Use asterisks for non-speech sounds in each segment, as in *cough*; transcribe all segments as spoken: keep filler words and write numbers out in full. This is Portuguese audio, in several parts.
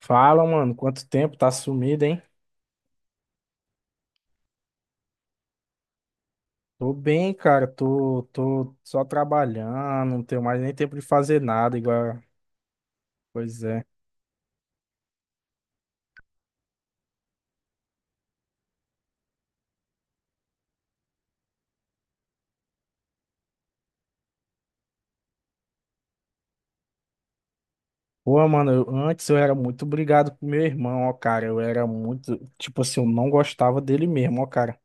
Fala, mano, quanto tempo? Tá sumido, hein? Tô bem, cara. Tô, tô só trabalhando, não tenho mais nem tempo de fazer nada, igual. Pois é. Pô, mano, eu- antes eu era muito brigado com meu irmão, ó, cara. Eu era muito. Tipo assim, eu não gostava dele mesmo, ó, cara.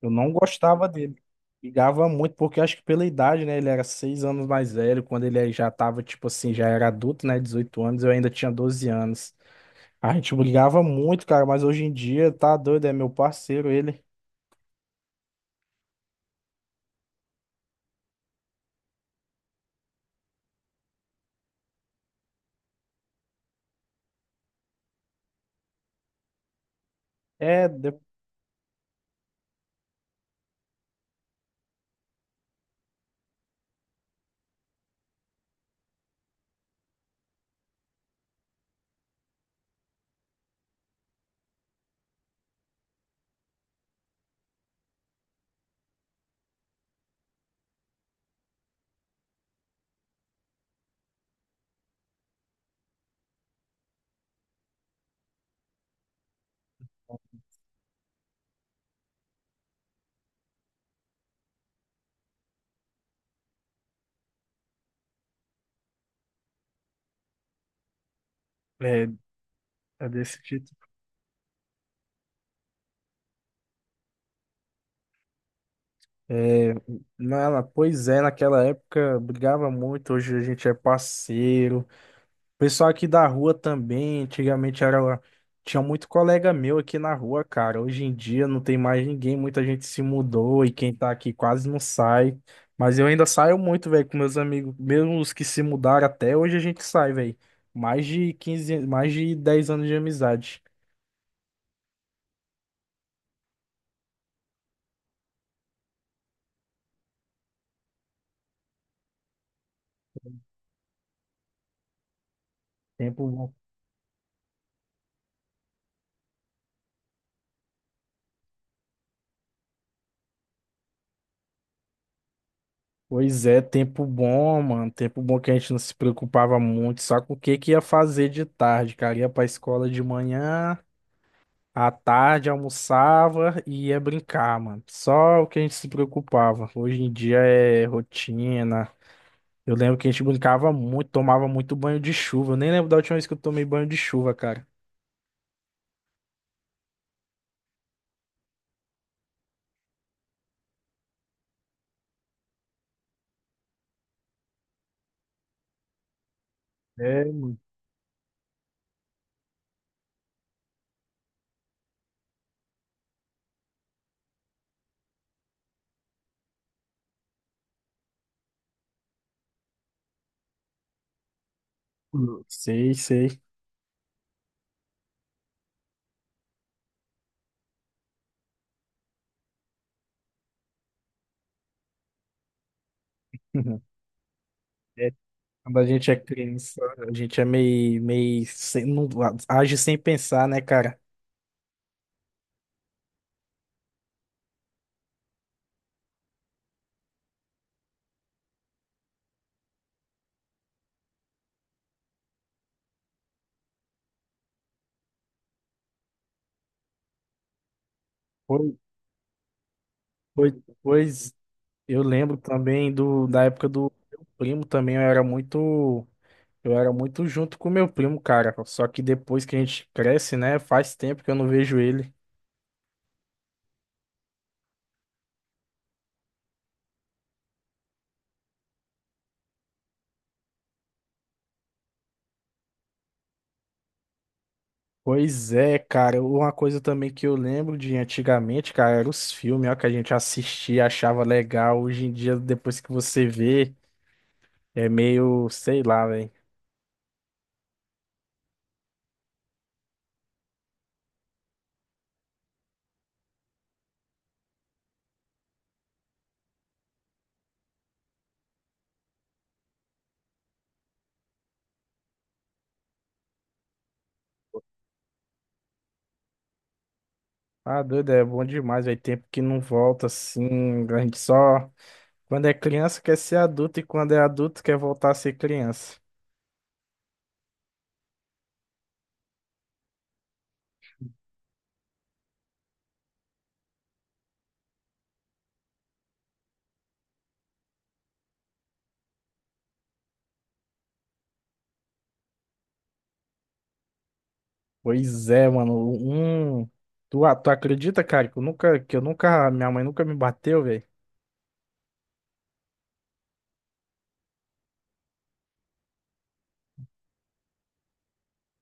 Eu não gostava dele. Brigava muito, porque acho que pela idade, né? Ele era seis anos mais velho. Quando ele já tava, tipo assim, já era adulto, né? Dezoito anos, eu ainda tinha doze anos. A gente brigava muito, cara, mas hoje em dia tá doido, é meu parceiro ele. É, de- é, é desse jeito. É, na, na- pois é, naquela época brigava muito, hoje a gente é parceiro. O pessoal aqui da rua também, antigamente era, tinha muito colega meu aqui na rua, cara. Hoje em dia não tem mais ninguém, muita gente se mudou e quem tá aqui quase não sai. Mas eu ainda saio muito, velho, com meus amigos, mesmo os que se mudaram até hoje a gente sai, velho. Mais de quinze, mais de dez anos de amizade. Tempo bom. Pois é, tempo bom, mano. Tempo bom que a gente não se preocupava muito, só com o que que ia fazer de tarde, cara. Ia pra escola de manhã, à tarde almoçava e ia brincar, mano. Só o que a gente se preocupava. Hoje em dia é rotina. Eu lembro que a gente brincava muito, tomava muito banho de chuva. Eu nem lembro da última vez que eu tomei banho de chuva, cara. É, mano. Sei, sei. *laughs* É, quando a gente é criança, a gente é meio, meio, sem- não age sem pensar, né, cara? Pois, pois, pois eu lembro também do, da época do meu primo também, eu era muito, eu era muito junto com meu primo, cara. Só que depois que a gente cresce, né, faz tempo que eu não vejo ele. Pois é, cara, uma coisa também que eu lembro de antigamente, cara, eram os filmes, ó, que a gente assistia, achava legal. Hoje em dia, depois que você vê, é meio, sei lá, velho. Ah, doido, é bom demais, velho. Tempo que não volta assim. A gente só. Quando é criança quer ser adulto e quando é adulto quer voltar a ser criança. Pois é, mano. Um. Tu, a- tu acredita, cara, que eu nunca, que eu nunca, minha mãe nunca me bateu, velho.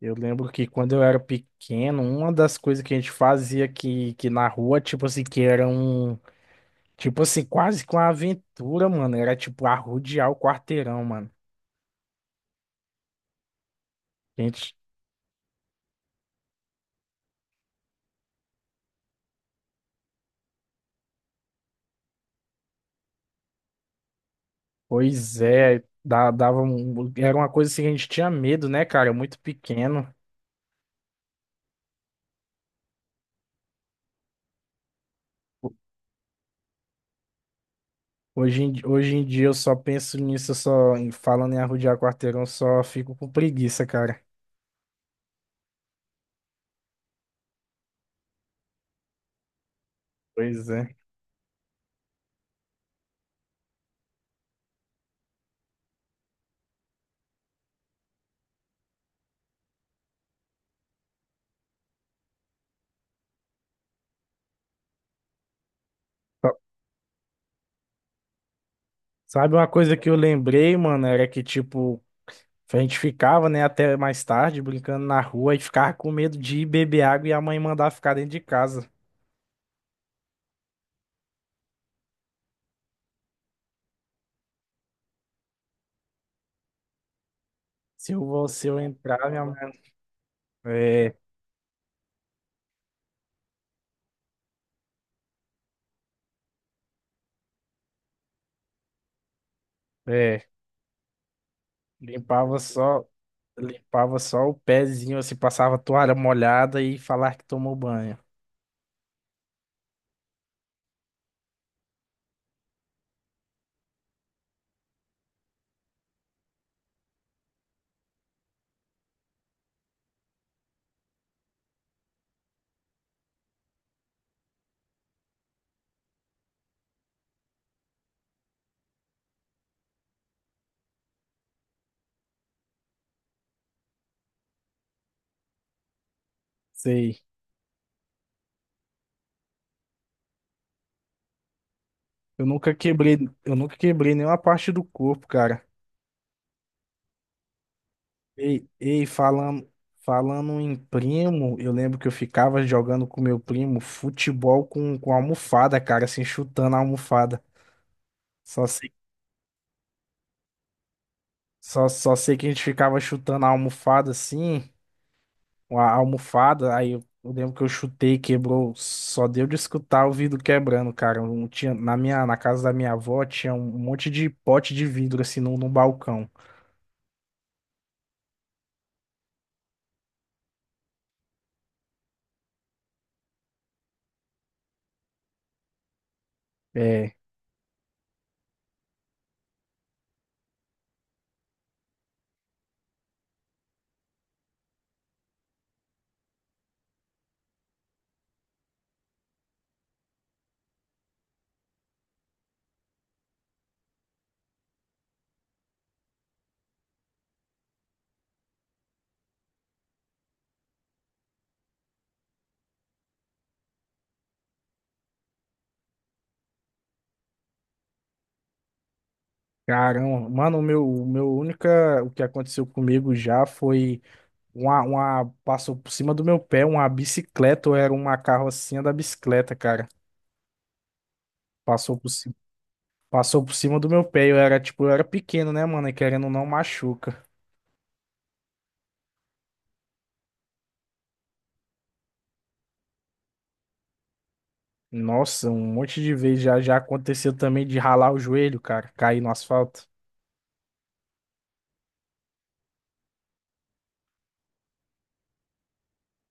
Eu lembro que quando eu era pequeno, uma das coisas que a gente fazia que, que na rua, tipo assim, que era um, tipo assim, quase com uma aventura, mano, era tipo arrodear o quarteirão, mano. Pois é, dá- dava um, era uma coisa assim que a gente tinha medo, né, cara? Muito pequeno. Hoje em, hoje em dia eu só penso nisso, eu só em- falando em arrodear quarteirão, eu só fico com preguiça, cara. Pois é. Só- Sabe uma coisa que eu lembrei, mano, era que tipo, a gente ficava, né, até mais tarde brincando na rua e ficava com medo de ir beber água e a mãe mandar ficar dentro de casa. Se eu, vou- se eu entrar, minha mãe. É, é. Limpava só. Limpava só o pezinho, assim, passava toalha molhada e falar que tomou banho. Sei. Eu nunca quebrei, eu nunca quebrei nenhuma parte do corpo, cara. Ei, ei, falando, falando em primo, eu lembro que eu ficava jogando com meu primo futebol com, com almofada, cara, assim, chutando a almofada. Só sei, só, só sei que a gente ficava chutando a almofada assim. Uma almofada, aí eu, eu lembro que eu chutei, quebrou, só deu de escutar o vidro quebrando, cara. Não tinha, na minha, na casa da minha avó tinha um um monte de pote de vidro assim no, no balcão. É, caramba, mano, o meu, o meu única, o que aconteceu comigo já foi uma, uma, passou por cima do meu pé uma bicicleta, ou era uma carrocinha da bicicleta, cara. Passou por cima. Passou por cima do meu pé, eu era tipo, eu era pequeno, né, mano? E querendo ou não machuca. Nossa, um monte de vezes já já aconteceu também de ralar o joelho, cara, cair no asfalto.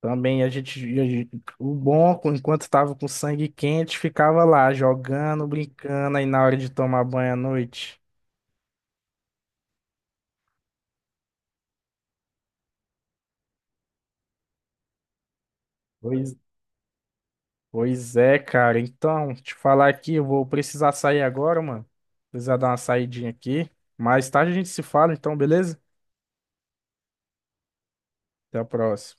Também a gente, a gente- o bom, com- enquanto tava com sangue quente, ficava lá jogando, brincando aí na hora de tomar banho à noite. Pois, pois é, cara. Então, te falar aqui, eu vou precisar sair agora, mano. Precisar dar uma saidinha aqui. Mais tarde a gente se fala, então, beleza? Até a próxima.